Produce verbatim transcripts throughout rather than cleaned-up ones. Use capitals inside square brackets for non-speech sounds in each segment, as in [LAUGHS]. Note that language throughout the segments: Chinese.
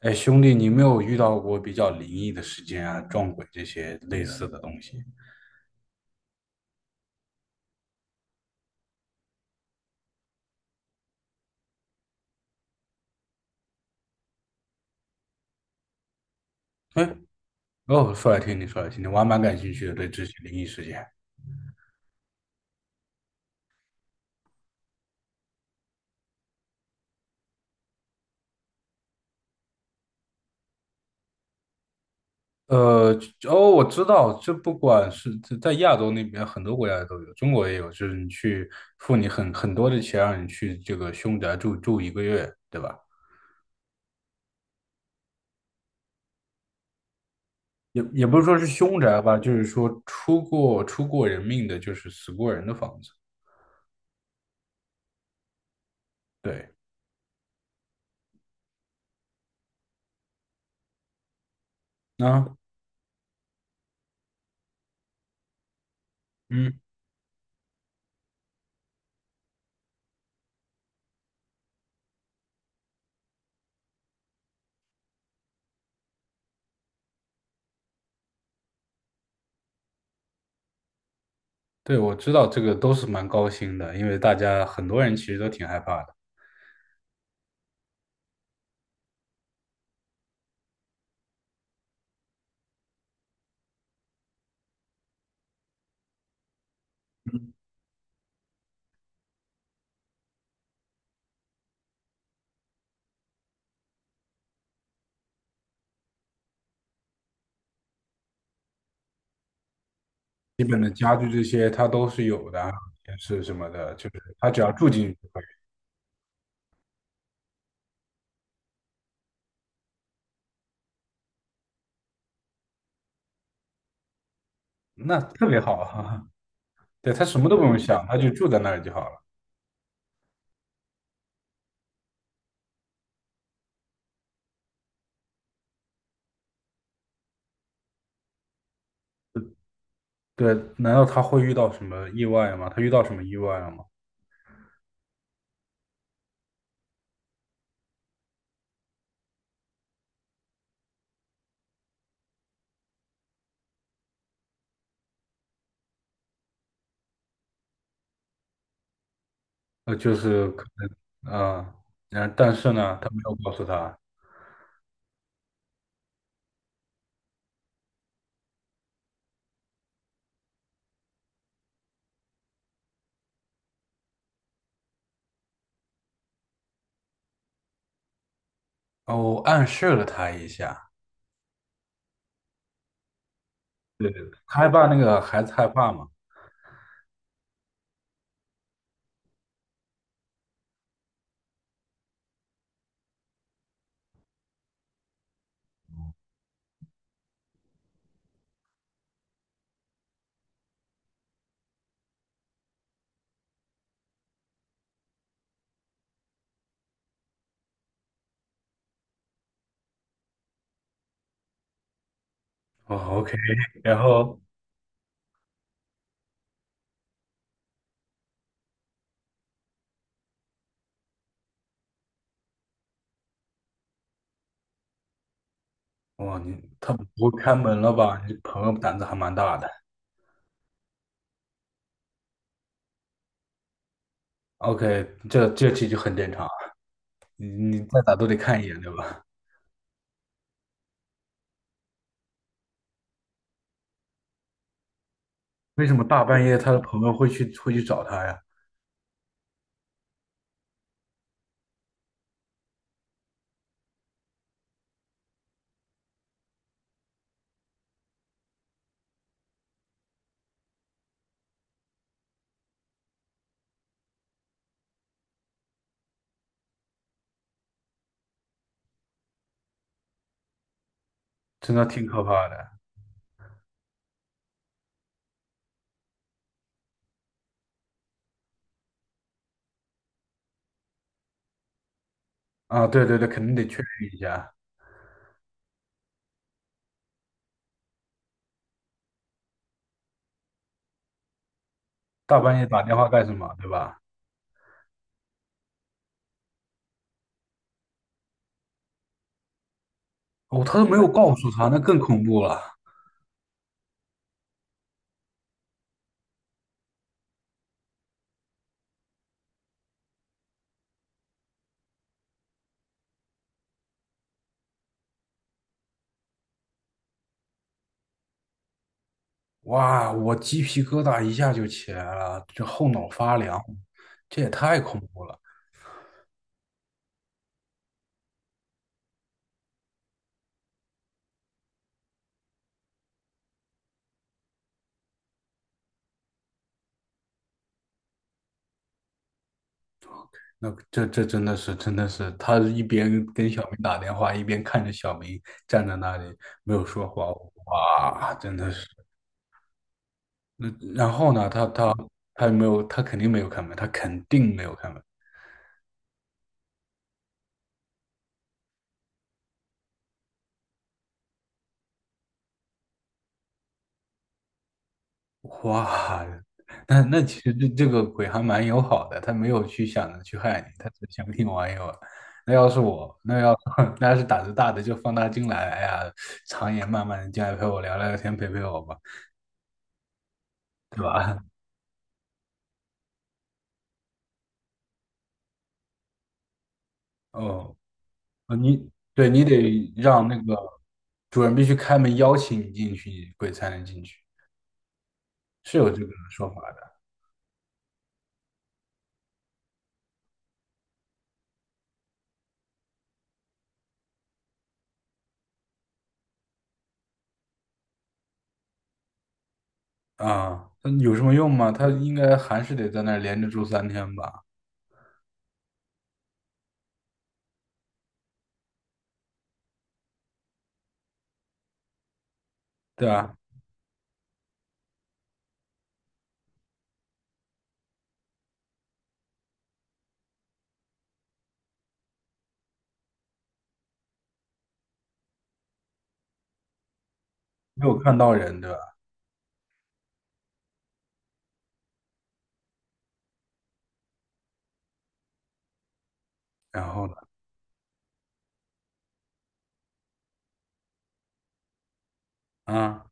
哎，兄弟，你有没有遇到过比较灵异的事件啊、撞鬼这些类似的东西？哎，哦，说来听听，说来听听，我还蛮感兴趣的，对这些灵异事件。呃，哦，我知道，这不管是在在亚洲那边，很多国家都有，中国也有，就是你去付你很很多的钱，让你去这个凶宅住住一个月，对吧？也也不是说是凶宅吧，就是说出过出过人命的，就是死过人的房子。对。啊。嗯。对，我知道这个都是蛮高薪的，因为大家很多人其实都挺害怕的，基本的家具这些他都是有的啊，电视什么的，就是他只要住进去就可以，那特别好哈。[LAUGHS] 对，他什么都不用想，他就住在那儿就好了。对，难道他会遇到什么意外吗？他遇到什么意外了吗？呃，就是可能，呃，然但是呢，他没有告诉他。哦，暗示了他一下，害怕那个孩子害怕嘛。哦，OK，然后哇，你，他不会开门了吧？你朋友胆子还蛮大的。OK，这这其就很正常，你你再咋都得看一眼，对吧？[LAUGHS] 为什么大半夜他的朋友会去会去找他呀？真的挺可怕的啊！对对对，肯定得确认一下，大半夜打电话干什么，对吧？哦，他都没有告诉他，那更恐怖了。哇，我鸡皮疙瘩一下就起来了，这后脑发凉，这也太恐怖了。那这这真的是真的是，他一边跟小明打电话，一边看着小明站在那里没有说话，哇，真的是。那然后呢，他他他没有，他肯定没有开门，他肯定没有开门。哇，那那其实这这个鬼还蛮友好的，他没有去想着去害你，他只想跟你玩一玩。那要是我，那要 [LAUGHS] 那要是胆子大的就放他进来，哎呀，长夜漫漫的进来陪我聊聊天，陪陪我吧，对吧？[LAUGHS] 哦，啊，你，对，你得让那个主人必须开门邀请你进去，鬼才能进去，是有这个说法的啊。那有什么用吗？他应该还是得在那儿连着住三天吧，对吧？没有看到人，对吧？然后呢？啊，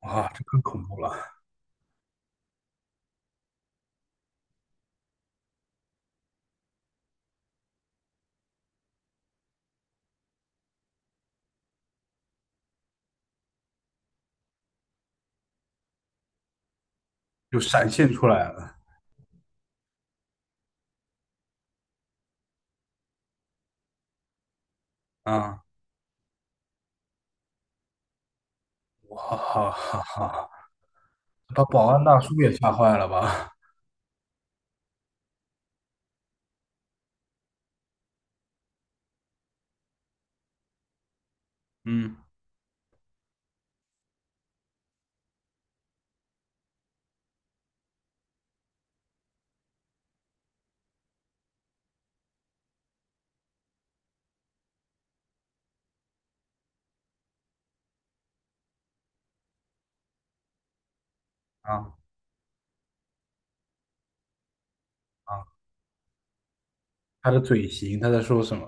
哇，这更恐怖了，就闪现出来了啊！哇哈哈哈，把保安大叔也吓坏了吧？[LAUGHS] 嗯，啊啊，他的嘴型，他在说什么？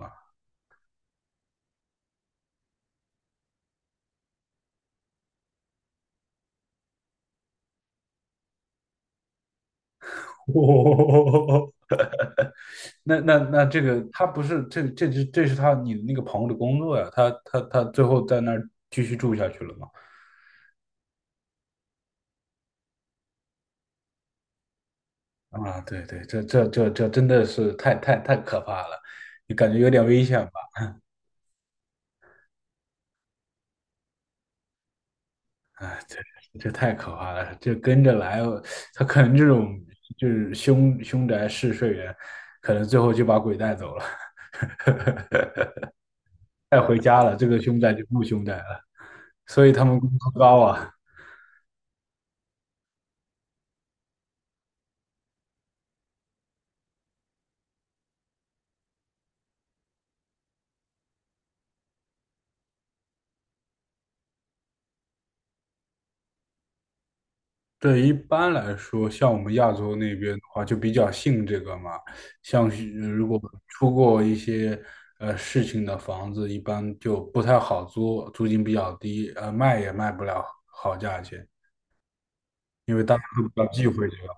[LAUGHS] 哦，那那那这个他不是，这这是这是他你的那个朋友的工作呀，他他他最后在那儿继续住下去了吗？啊，对对，这这这这真的是太太太可怕了，你感觉有点危险吧？哎，对，这太可怕了，这跟着来，他可能这种就是凶凶宅试睡员，可能最后就把鬼带走了，带回家了，这个凶宅就不凶宅了，所以他们工资高啊。对，一般来说，像我们亚洲那边的话，就比较信这个嘛。像是如果出过一些呃事情的房子，一般就不太好租，租金比较低，呃，卖也卖不了好价钱，因为大家都比较忌讳这个。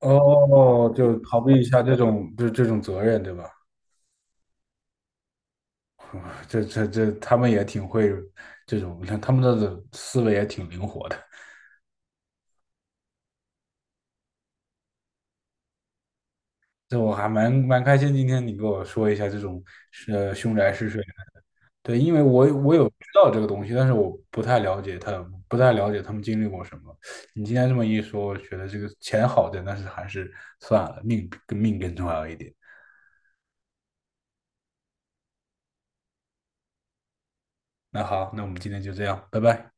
哦，就逃避一下这种这这种责任，对吧？[LAUGHS] 这这这，他们也挺会这种，他们的思维也挺灵活的。这我还蛮蛮开心，今天你给我说一下这种呃凶宅试睡的，对，因为我我有知道这个东西，但是我不太了解他，不太了解他们经历过什么。你今天这么一说，我觉得这个钱好挣，但是还是算了，命跟命更重要一点。那好，那我们今天就这样，拜拜。